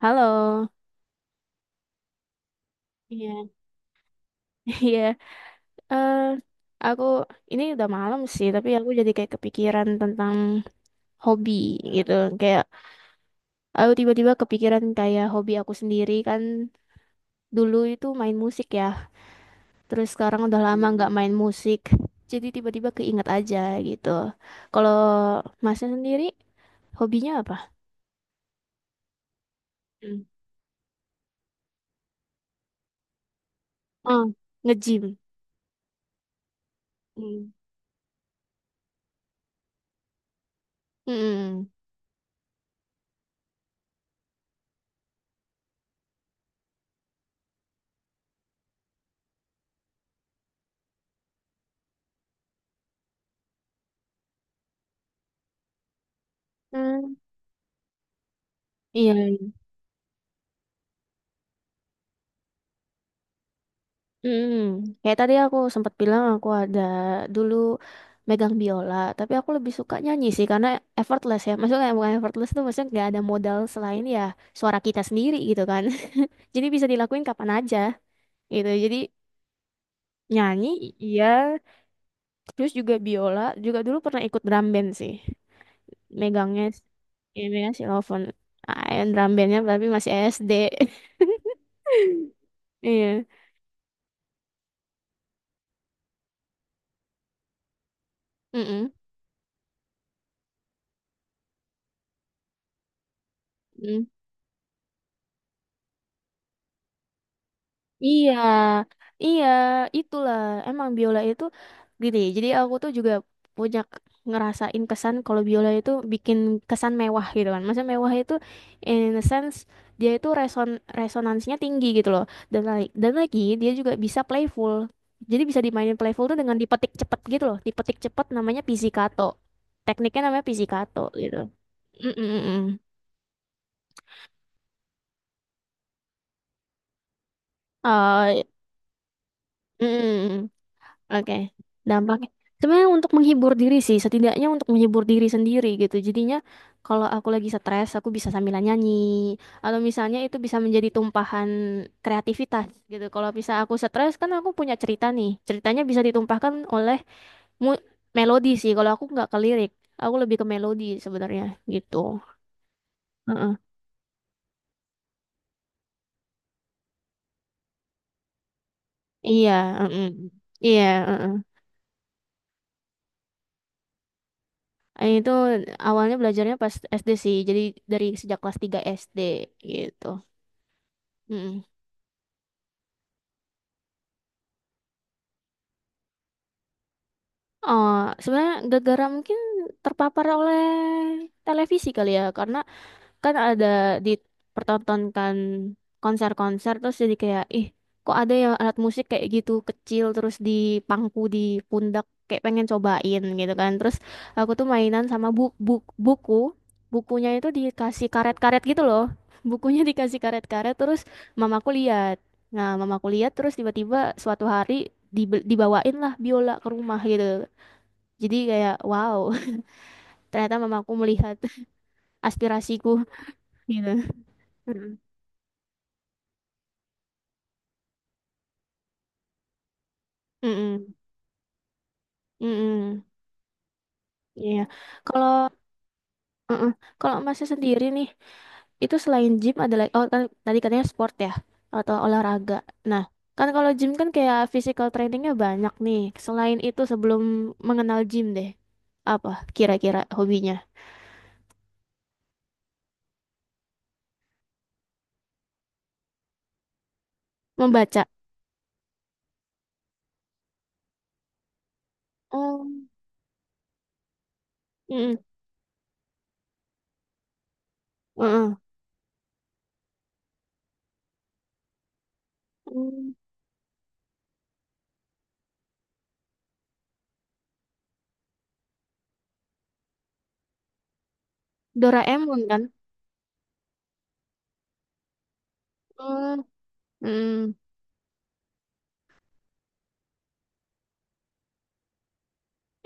Halo, iya, iya. Eh, aku ini udah malam sih, tapi aku jadi kayak kepikiran tentang hobi gitu. Kayak aku tiba-tiba kepikiran kayak hobi aku sendiri kan dulu itu main musik ya. Terus sekarang udah lama nggak main musik. Jadi tiba-tiba keinget aja gitu. Kalau masnya sendiri hobinya apa? Hmm. Oh, nge-gym. Hmm. Mm-mm. Hmm. Iya. Mm, kayak tadi aku sempat bilang aku ada dulu megang biola, tapi aku lebih suka nyanyi sih karena effortless ya. Maksudnya bukan effortless tuh maksudnya nggak ada modal selain ya suara kita sendiri gitu kan. Jadi bisa dilakuin kapan aja gitu. Jadi nyanyi iya, terus juga biola, juga dulu pernah ikut drum band sih. Megangnya ya megang xylophone. Ah, drum bandnya tapi masih SD. Iya. Mm-mm. Mm. Iya, iya, itulah. Emang biola itu gini. Jadi aku tuh juga punya k- ngerasain kesan kalau biola itu bikin kesan mewah gitu kan. Maksudnya mewah itu in a sense dia itu resonansinya tinggi gitu loh. Dan lagi dia juga bisa playful. Jadi bisa dimainin playful tuh dengan dipetik cepet gitu loh. Dipetik cepet namanya pizzicato. Tekniknya namanya pizzicato gitu. Mm -mm. Mm. Eh, mm. Oke, dampaknya sebenarnya untuk menghibur diri sih, setidaknya untuk menghibur diri sendiri gitu. Jadinya kalau aku lagi stres, aku bisa sambilan nyanyi atau misalnya itu bisa menjadi tumpahan kreativitas gitu. Kalau bisa aku stres kan aku punya cerita nih, ceritanya bisa ditumpahkan oleh mu- melodi sih. Kalau aku nggak ke lirik, aku lebih ke melodi sebenarnya gitu. Heeh. Iya, heeh. Iya, heeh. Itu awalnya belajarnya pas SD sih, jadi dari sejak kelas 3 SD gitu. Mm-mm. Oh, sebenarnya gara-gara mungkin terpapar oleh televisi kali ya, karena kan ada dipertontonkan konser-konser terus jadi kayak ih kok ada ya alat musik kayak gitu kecil terus dipangku di pundak kayak pengen cobain gitu kan terus aku tuh mainan sama bu bu buku bukunya itu dikasih karet-karet gitu loh, bukunya dikasih karet-karet terus mamaku lihat, nah mamaku lihat terus tiba-tiba suatu hari dibawain lah biola ke rumah gitu jadi kayak wow. Ternyata mamaku melihat aspirasiku gitu. Mm-mm. Mm-mm. Iya. Kalau mm-mm. Kalau masnya sendiri nih, itu selain gym ada lagi oh kan tadi katanya sport ya atau olahraga. Nah, kan kalau gym kan kayak physical trainingnya banyak nih. Selain itu sebelum mengenal gym deh, apa kira-kira hobinya? Membaca. Oh. Mm-mm. Mm-mm. Mm. Doraemon kan? Mm. Mm.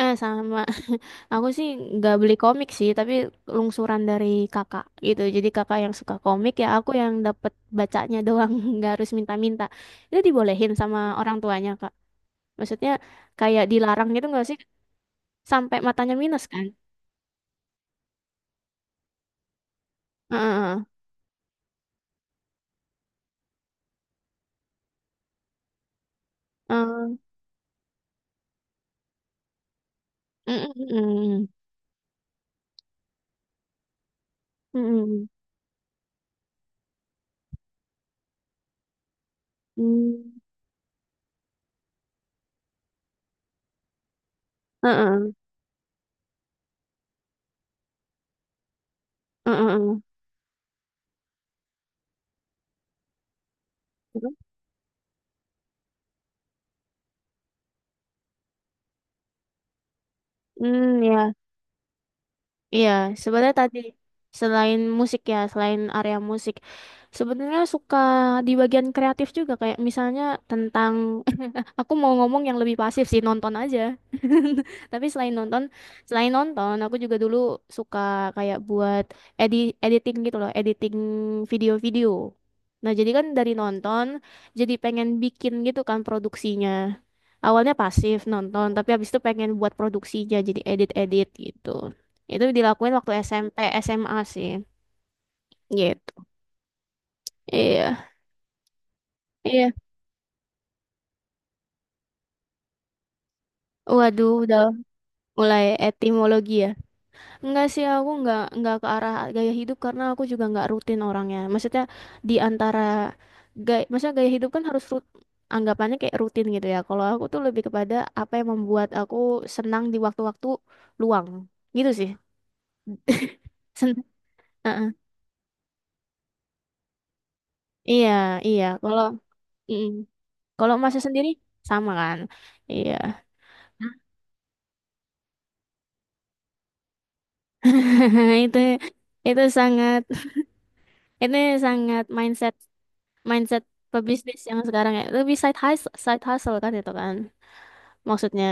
Eh sama. Aku sih nggak beli komik sih, tapi lungsuran dari kakak gitu. Jadi kakak yang suka komik ya aku yang dapet bacanya doang, nggak harus minta-minta. Itu dibolehin sama orang tuanya kak. Maksudnya kayak dilarang gitu nggak sih? Sampai matanya minus kan? Heeh. Heeh. Heeh. Heeh. Heeh. Heeh. Heeh. Heeh. Heeh. Hmm, ya. Iya, sebenarnya tadi selain musik ya, selain area musik, sebenarnya suka di bagian kreatif juga kayak misalnya tentang Aku mau ngomong yang lebih pasif sih, nonton aja. Tapi selain nonton, aku juga dulu suka kayak buat editing gitu loh, editing video-video. Nah, jadi kan dari nonton jadi pengen bikin gitu kan produksinya. Awalnya pasif nonton, tapi habis itu pengen buat produksinya jadi edit-edit gitu. Itu dilakuin waktu SMP, SMA sih. Gitu. Iya. Iya. Waduh, udah mulai etimologi ya. Enggak sih, aku nggak ke arah gaya hidup karena aku juga nggak rutin orangnya. Maksudnya di antara gaya, maksudnya gaya hidup kan harus anggapannya kayak rutin gitu ya. Kalau aku tuh lebih kepada apa yang membuat aku senang di waktu-waktu luang. Gitu sih. Sen Heeh. Iya, iya. Mm. Kalau masa sendiri sama kan? Iya. Itu itu sangat itu sangat mindset mindset pebisnis yang sekarang ya, lebih side hustle kan itu kan maksudnya.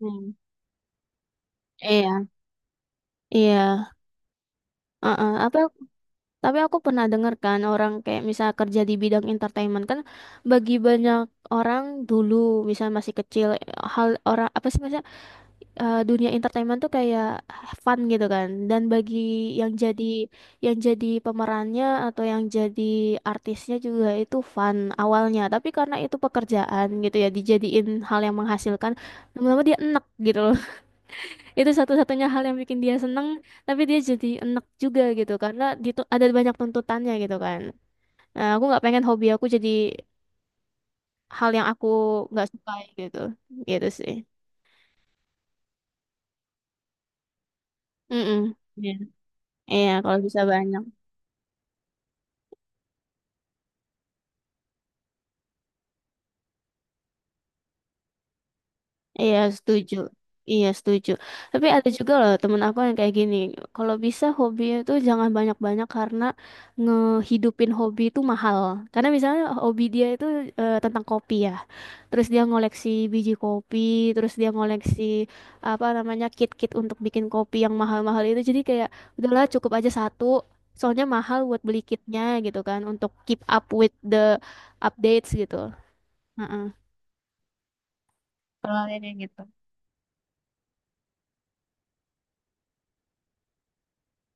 Hmm. Iya. Iya, uh-uh. Apa, tapi aku pernah dengar kan orang kayak misal kerja di bidang entertainment kan, bagi banyak orang dulu misal masih kecil, hal orang apa sih maksudnya dunia entertainment tuh kayak fun gitu kan. Dan bagi yang jadi yang jadi pemerannya atau yang jadi artisnya juga itu fun awalnya. Tapi karena itu pekerjaan gitu ya dijadiin hal yang menghasilkan, lama-lama dia enek gitu loh. Itu satu-satunya hal yang bikin dia seneng, tapi dia jadi enek juga gitu karena ada banyak tuntutannya gitu kan. Nah, aku nggak pengen hobi aku jadi hal yang aku nggak sukai gitu. Gitu sih. Mm-mm. Iya, iya, kalau bisa banyak. Iya, setuju. Iya, setuju. Tapi ada juga loh temen aku yang kayak gini. Kalau bisa hobi itu jangan banyak-banyak karena ngehidupin hobi itu mahal. Karena misalnya hobi dia itu tentang kopi ya. Terus dia ngoleksi biji kopi, terus dia ngoleksi apa namanya kit-kit untuk bikin kopi yang mahal-mahal itu. Jadi kayak udahlah cukup aja satu. Soalnya mahal buat beli kitnya gitu kan untuk keep up with the updates gitu. Heeh. Kalau ada yang gitu.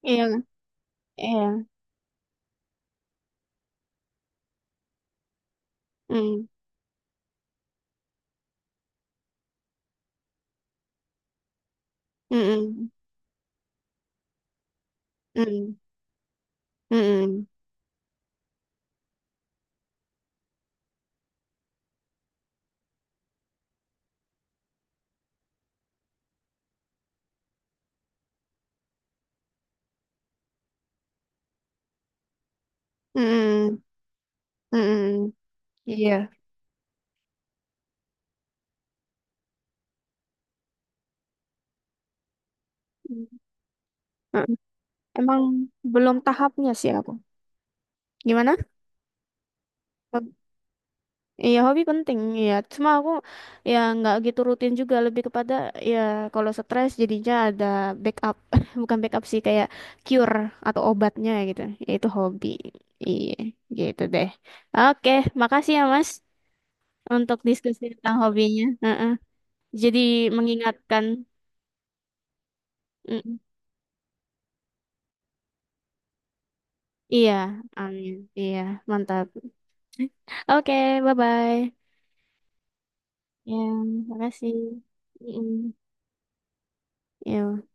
Iya, kan? Iya. Mm, mm, mm, mm, mm, mm, mm, mm, mm. Iya. Mm. Emang belum tahapnya sih aku. Gimana? Hob- Iya hobi penting. Iya. Cuma aku ya nggak gitu rutin juga. Lebih kepada ya kalau stres jadinya ada backup. Bukan backup sih, kayak cure atau obatnya gitu. Ya itu hobi. Iya. Gitu deh. Oke. Makasih ya Mas untuk diskusi tentang hobinya. Heeh. Jadi mengingatkan. Iya, amin. Iya, mantap. Oke, bye-bye. Ya, makasih. Mm, yuk.